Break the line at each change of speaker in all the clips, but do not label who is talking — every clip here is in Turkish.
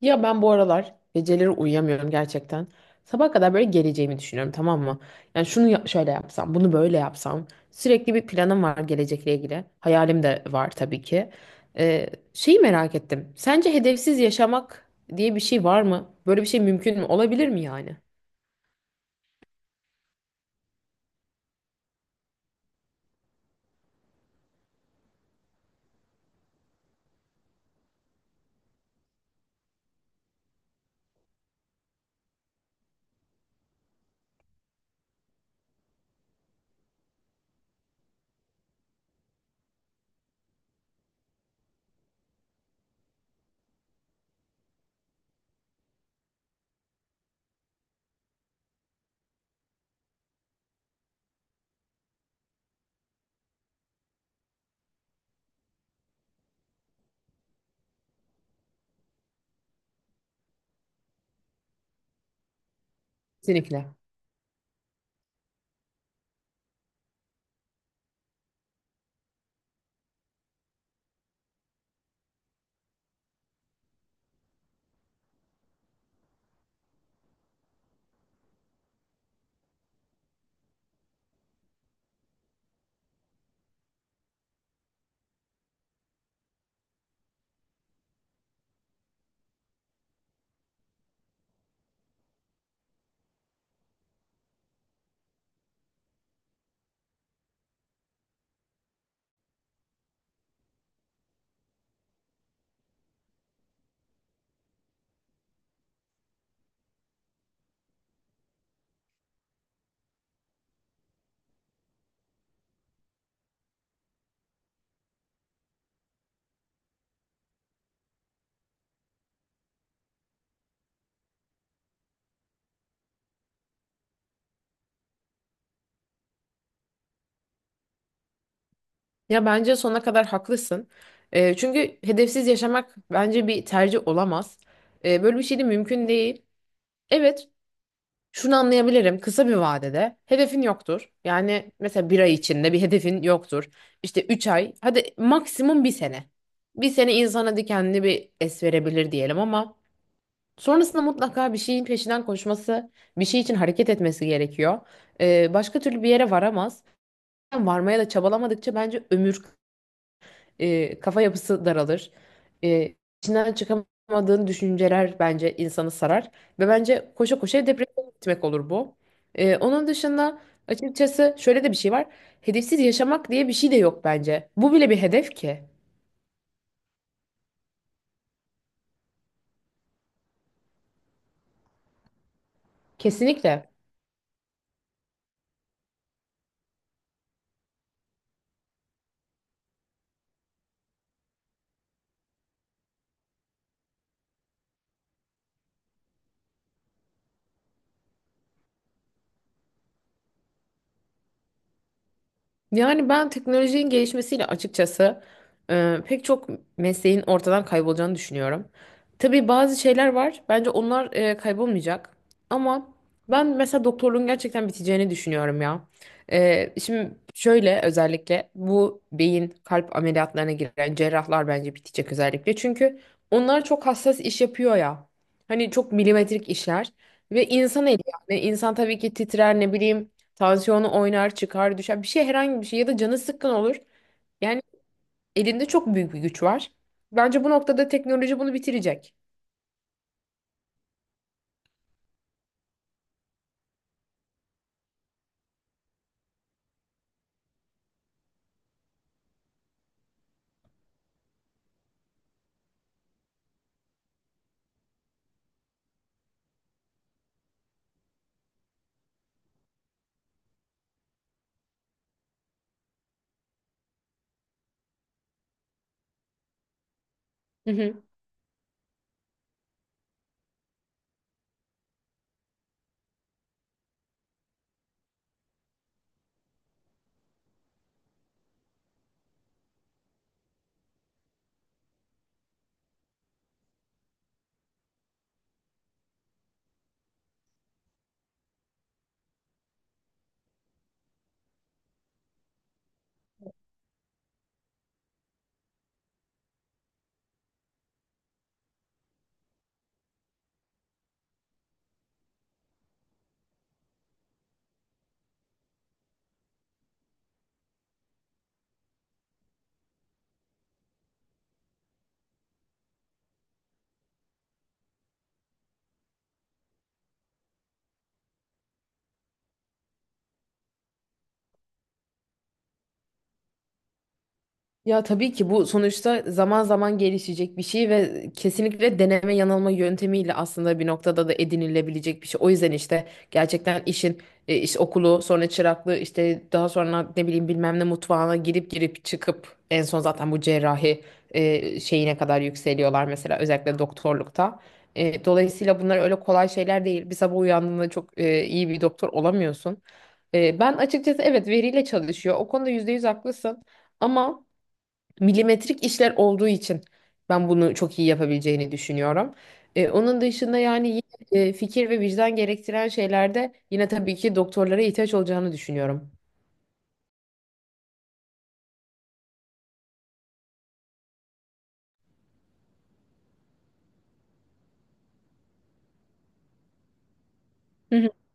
Ya ben bu aralar geceleri uyuyamıyorum gerçekten. Sabaha kadar böyle geleceğimi düşünüyorum, tamam mı? Yani şöyle yapsam, bunu böyle yapsam. Sürekli bir planım var gelecekle ilgili. Hayalim de var tabii ki. Şeyi merak ettim. Sence hedefsiz yaşamak diye bir şey var mı? Böyle bir şey mümkün mü? Olabilir mi yani? Kesinlikle. Ya bence sonuna kadar haklısın. Çünkü hedefsiz yaşamak bence bir tercih olamaz. Böyle bir şey de mümkün değil. Evet, şunu anlayabilirim. Kısa bir vadede hedefin yoktur. Yani mesela bir ay içinde bir hedefin yoktur. İşte üç ay, hadi maksimum bir sene. Bir sene insana hadi kendini bir es verebilir diyelim, ama sonrasında mutlaka bir şeyin peşinden koşması, bir şey için hareket etmesi gerekiyor. Başka türlü bir yere varamaz. Varmaya da çabalamadıkça bence kafa yapısı daralır. E, içinden çıkamadığın düşünceler bence insanı sarar. Ve bence koşa koşa depresyona gitmek olur bu. Onun dışında açıkçası şöyle de bir şey var. Hedefsiz yaşamak diye bir şey de yok bence. Bu bile bir hedef ki. Kesinlikle. Yani ben teknolojinin gelişmesiyle açıkçası pek çok mesleğin ortadan kaybolacağını düşünüyorum. Tabii bazı şeyler var. Bence onlar kaybolmayacak. Ama ben mesela doktorluğun gerçekten biteceğini düşünüyorum ya. Şimdi şöyle, özellikle bu beyin kalp ameliyatlarına giren cerrahlar bence bitecek özellikle. Çünkü onlar çok hassas iş yapıyor ya. Hani çok milimetrik işler ve insan eli, yani insan tabii ki titrer, ne bileyim, tansiyonu oynar, çıkar, düşer. Bir şey herhangi bir şey ya da canı sıkkın olur. Yani elinde çok büyük bir güç var. Bence bu noktada teknoloji bunu bitirecek. Ya tabii ki bu sonuçta zaman zaman gelişecek bir şey ve kesinlikle deneme yanılma yöntemiyle aslında bir noktada da edinilebilecek bir şey. O yüzden işte gerçekten iş okulu, sonra çıraklığı, işte daha sonra ne bileyim bilmem ne mutfağına girip çıkıp en son zaten bu şeyine kadar yükseliyorlar mesela, özellikle doktorlukta. Dolayısıyla bunlar öyle kolay şeyler değil. Bir sabah uyandığında çok iyi bir doktor olamıyorsun. Ben açıkçası, evet, veriyle çalışıyor. O konuda %100 haklısın, ama milimetrik işler olduğu için ben bunu çok iyi yapabileceğini düşünüyorum. Onun dışında yani yine, fikir ve vicdan gerektiren şeylerde yine tabii ki doktorlara ihtiyaç olacağını düşünüyorum.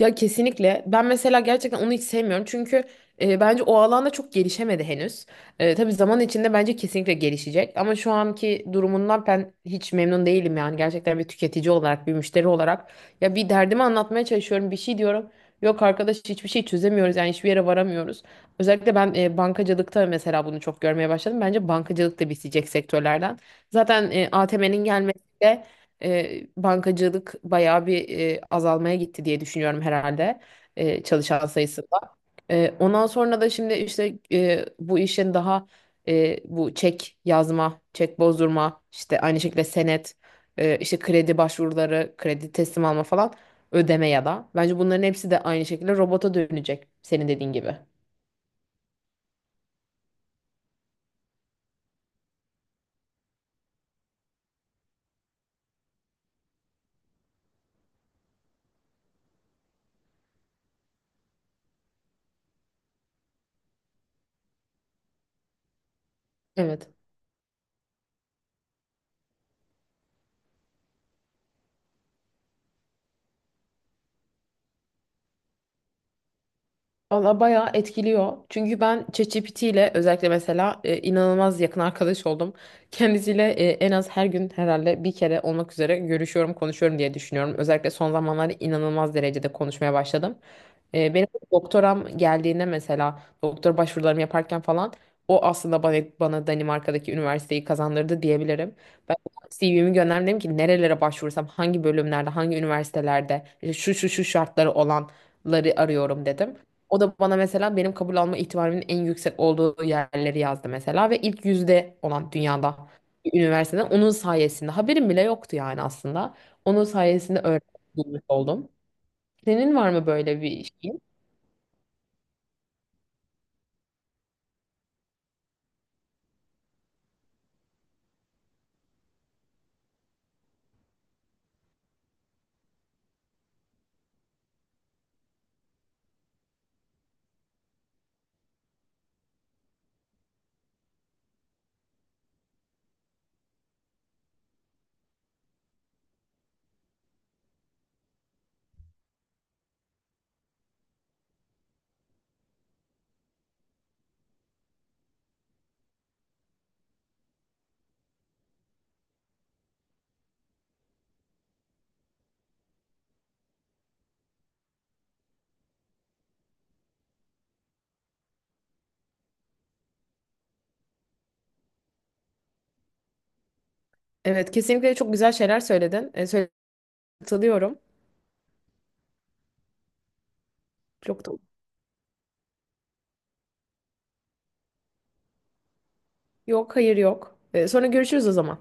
Ya kesinlikle. Ben mesela gerçekten onu hiç sevmiyorum. Çünkü bence o alanda çok gelişemedi henüz. Tabii zaman içinde bence kesinlikle gelişecek. Ama şu anki durumundan ben hiç memnun değilim yani. Gerçekten bir tüketici olarak, bir müşteri olarak. Ya bir derdimi anlatmaya çalışıyorum, bir şey diyorum. Yok arkadaş, hiçbir şey çözemiyoruz, yani hiçbir yere varamıyoruz. Özellikle ben bankacılıkta mesela bunu çok görmeye başladım. Bence bankacılık da bitecek sektörlerden. Zaten ATM'nin gelmesi, bankacılık bayağı bir azalmaya gitti diye düşünüyorum herhalde, çalışan sayısında. Ondan sonra da şimdi bu işin bu çek yazma, çek bozdurma, işte aynı şekilde senet, işte kredi başvuruları, kredi teslim alma falan, ödeme ya da. Bence bunların hepsi de aynı şekilde robota dönecek, senin dediğin gibi. Evet. Valla bayağı etkiliyor. Çünkü ben ChatGPT ile özellikle mesela inanılmaz yakın arkadaş oldum. Kendisiyle en az her gün herhalde bir kere olmak üzere görüşüyorum, konuşuyorum diye düşünüyorum. Özellikle son zamanlarda inanılmaz derecede konuşmaya başladım. Benim doktoram geldiğinde mesela doktor başvurularımı yaparken falan o aslında bana Danimarka'daki üniversiteyi kazandırdı diyebilirim. Ben CV'mi gönderdim, dedim ki nerelere başvursam, hangi bölümlerde hangi üniversitelerde, işte şu şu şu şartları olanları arıyorum dedim. O da bana mesela benim kabul alma ihtimalimin en yüksek olduğu yerleri yazdı mesela, ve ilk yüzde olan dünyada bir üniversiteden onun sayesinde haberim bile yoktu yani aslında. Onun sayesinde öğrenmiş oldum. Senin var mı böyle bir şey? Evet, kesinlikle çok güzel şeyler söyledin. Katılıyorum. Çok da... Yok, hayır, yok. Sonra görüşürüz o zaman.